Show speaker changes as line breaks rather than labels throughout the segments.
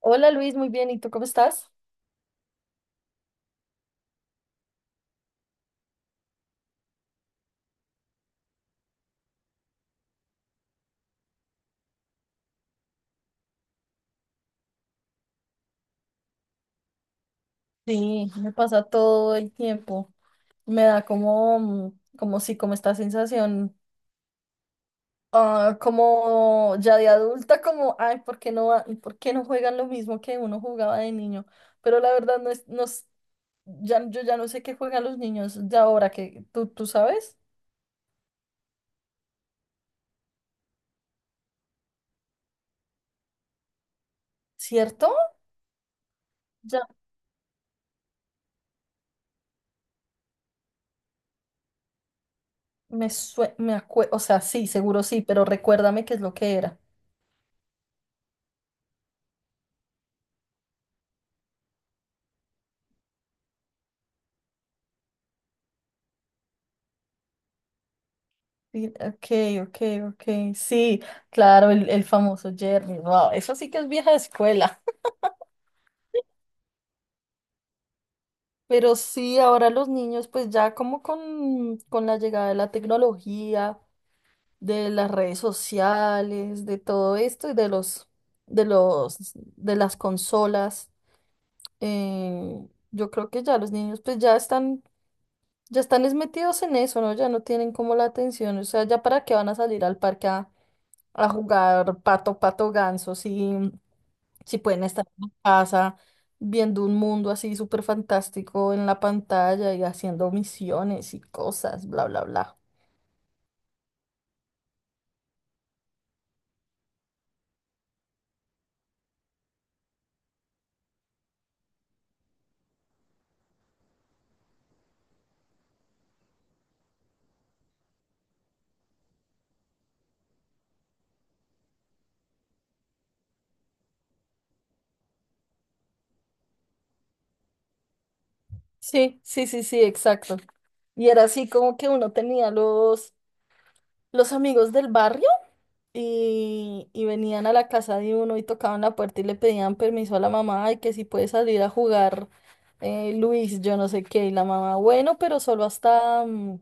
Hola Luis, muy bien. ¿Y tú cómo estás? Sí, me pasa todo el tiempo. Me da como, como sí, como esta sensación, como ya de adulta, como, ay, ¿por qué no, por qué no juegan lo mismo que uno jugaba de niño? Pero la verdad no es- ya, yo ya no sé qué juegan los niños de ahora, que tú sabes, ¿cierto? Ya o sea, sí, seguro sí, pero recuérdame qué es lo que era. Sí, ok, ok, ok, sí, claro, el famoso Jerry, wow, eso sí que es vieja escuela. Pero sí, ahora los niños pues ya como con la llegada de la tecnología, de las redes sociales, de todo esto de los, de las consolas. Yo creo que ya los niños pues ya están es metidos en eso, ¿no? Ya no tienen como la atención, o sea, ya para qué van a salir al parque a jugar pato, pato, ganso. Sí, si pueden estar en la casa viendo un mundo así súper fantástico en la pantalla y haciendo misiones y cosas, bla, bla, bla. Sí, sí, sí, sí, exacto. Y era así como que uno tenía los amigos del barrio y venían a la casa de uno y tocaban la puerta y le pedían permiso a la mamá y que si puede salir a jugar, Luis, yo no sé qué, y la mamá, bueno, pero solo hasta,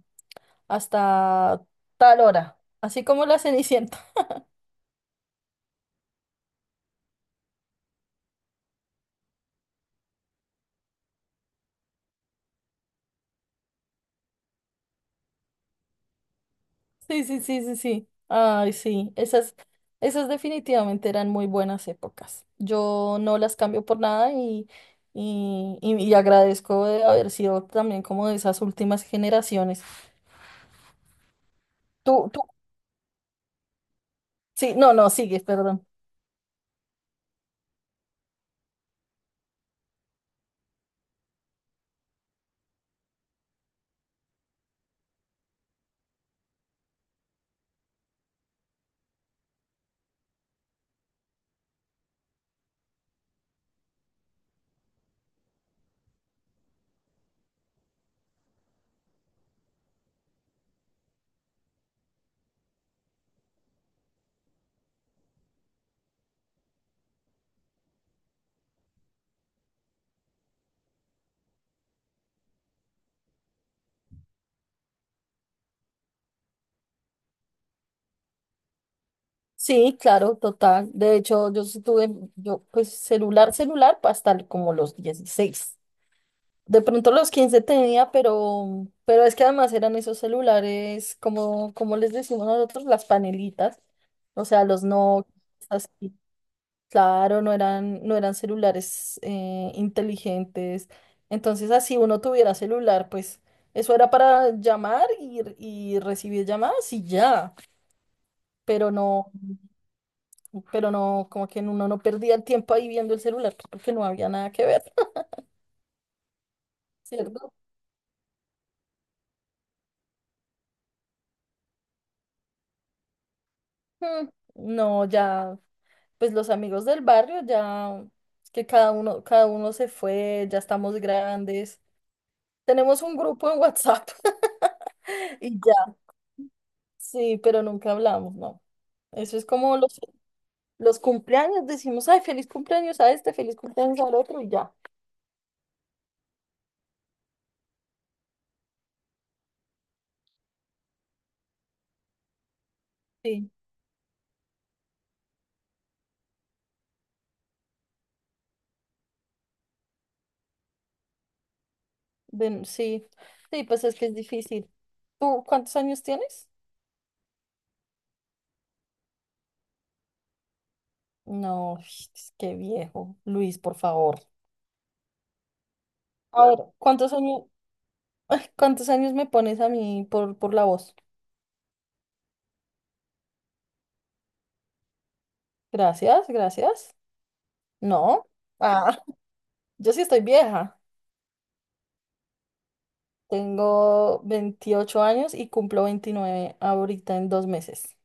hasta tal hora, así como la Cenicienta. Sí, sí, sí, sí, sí. Ay, sí, esas, esas definitivamente eran muy buenas épocas. Yo no las cambio por nada. Y, y agradezco de haber sido también como de esas últimas generaciones. Tú, tú, sí, no, no, sigues, perdón. Sí, claro, total. De hecho, yo sí tuve, yo pues celular, hasta como los 16. De pronto los 15 tenía, pero es que además eran esos celulares, como, como les decimos nosotros, las panelitas. O sea, los no, así, claro, no eran celulares inteligentes. Entonces, así uno tuviera celular, pues eso era para llamar y recibir llamadas y ya. Pero no, pero no, como que uno no perdía el tiempo ahí viendo el celular, pues, porque no había nada que ver, ¿cierto? Mm, No, ya. Pues los amigos del barrio ya que cada uno se fue, ya estamos grandes. Tenemos un grupo en WhatsApp. Y ya, sí, pero nunca hablamos, no. Eso es como los cumpleaños, decimos, ay, feliz cumpleaños a este, feliz cumpleaños al otro y ya. Sí, sí, sí, pues es que es difícil. ¿Tú cuántos años tienes? No, es qué viejo. Luis, por favor. A ver, ¿cuántos años me pones a mí por la voz? Gracias, gracias. No, ah, yo sí estoy vieja. Tengo 28 años y cumplo 29 ahorita en dos meses.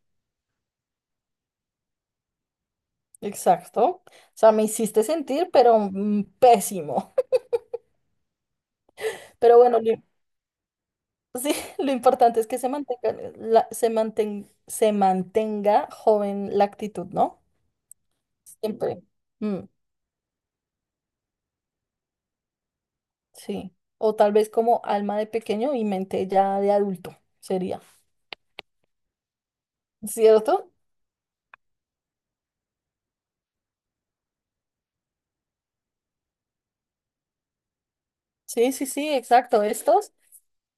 Exacto. O sea, me hiciste sentir, pero pésimo. Pero bueno, lo, sí, lo importante es que se mantenga, se mantenga joven la actitud, ¿no? Siempre. Mm, sí. O tal vez como alma de pequeño y mente ya de adulto, sería. ¿Cierto? Sí, sí, sí, exacto. Estos.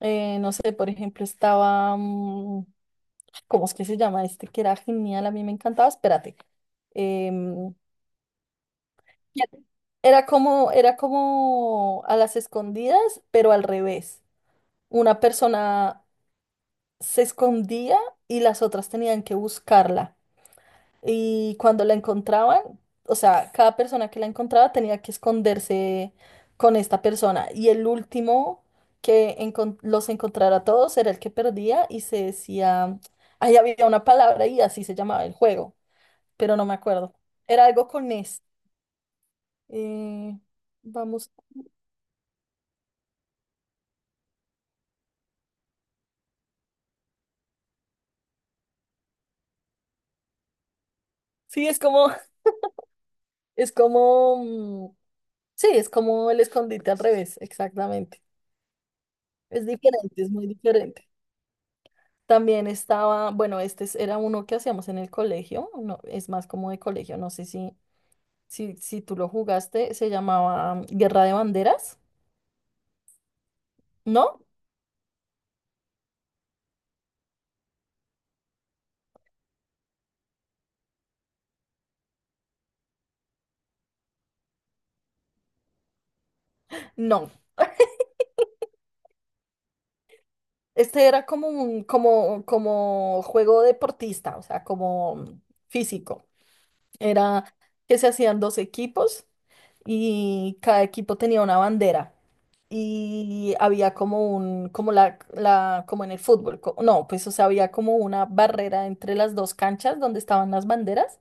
No sé, por ejemplo, estaba, ¿cómo es que se llama este? Que era genial, a mí me encantaba, espérate. em, Era como, era como a las escondidas, pero al revés. Una persona se escondía y las otras tenían que buscarla. Y cuando la encontraban, o sea, cada persona que la encontraba tenía que esconderse con esta persona. Y el último los encontrara a todos era el que perdía y se decía, ahí había una palabra y así se llamaba el juego, pero no me acuerdo. Era algo con es. eh, Vamos. Sí, es como, es como, sí, es como el escondite al revés, exactamente. Es diferente, es muy diferente. También estaba, bueno, era uno que hacíamos en el colegio, no, es más como de colegio, no sé si, si tú lo jugaste, se llamaba Guerra de Banderas, ¿no? No, este era como un, como, como juego deportista, o sea, como físico. Era que se hacían dos equipos y cada equipo tenía una bandera. Y había como un, como la, como en el fútbol, no, pues o sea, había como una barrera entre las dos canchas donde estaban las banderas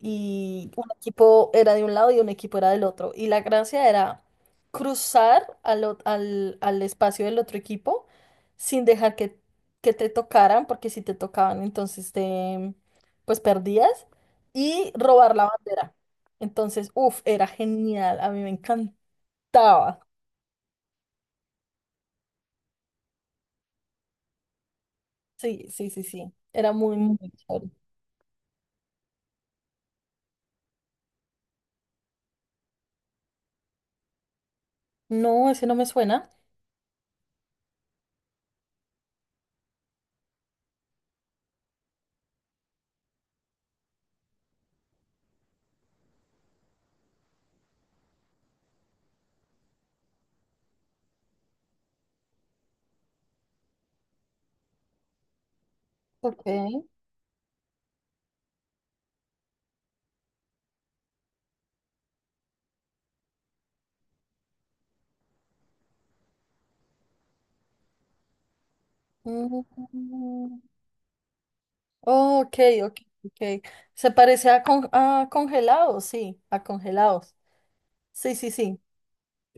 y un equipo era de un lado y un equipo era del otro. Y la gracia era cruzar al espacio del otro equipo sin dejar que te tocaran, porque si te tocaban, entonces te, pues perdías, y robar la bandera. Entonces, uff, era genial, a mí me encantaba. Sí, sí, sí, sí, era muy, muy chévere. No, ese no me suena. Ok. Mm. Oh, ok, ok, ok. Se parece a, a congelados. Sí, sí, sí.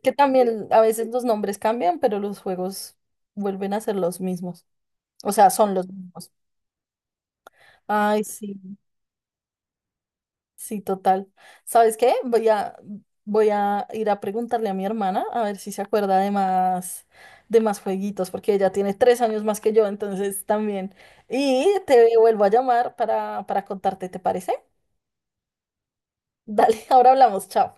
Que también a veces los nombres cambian, pero los juegos vuelven a ser los mismos. O sea, son los mismos. Ay, sí, sí, total. ¿Sabes qué? Voy a ir a preguntarle a mi hermana a ver si se acuerda de más jueguitos, porque ella tiene tres años más que yo, entonces también. Y te vuelvo a llamar para contarte, ¿te parece? Dale, ahora hablamos, chao.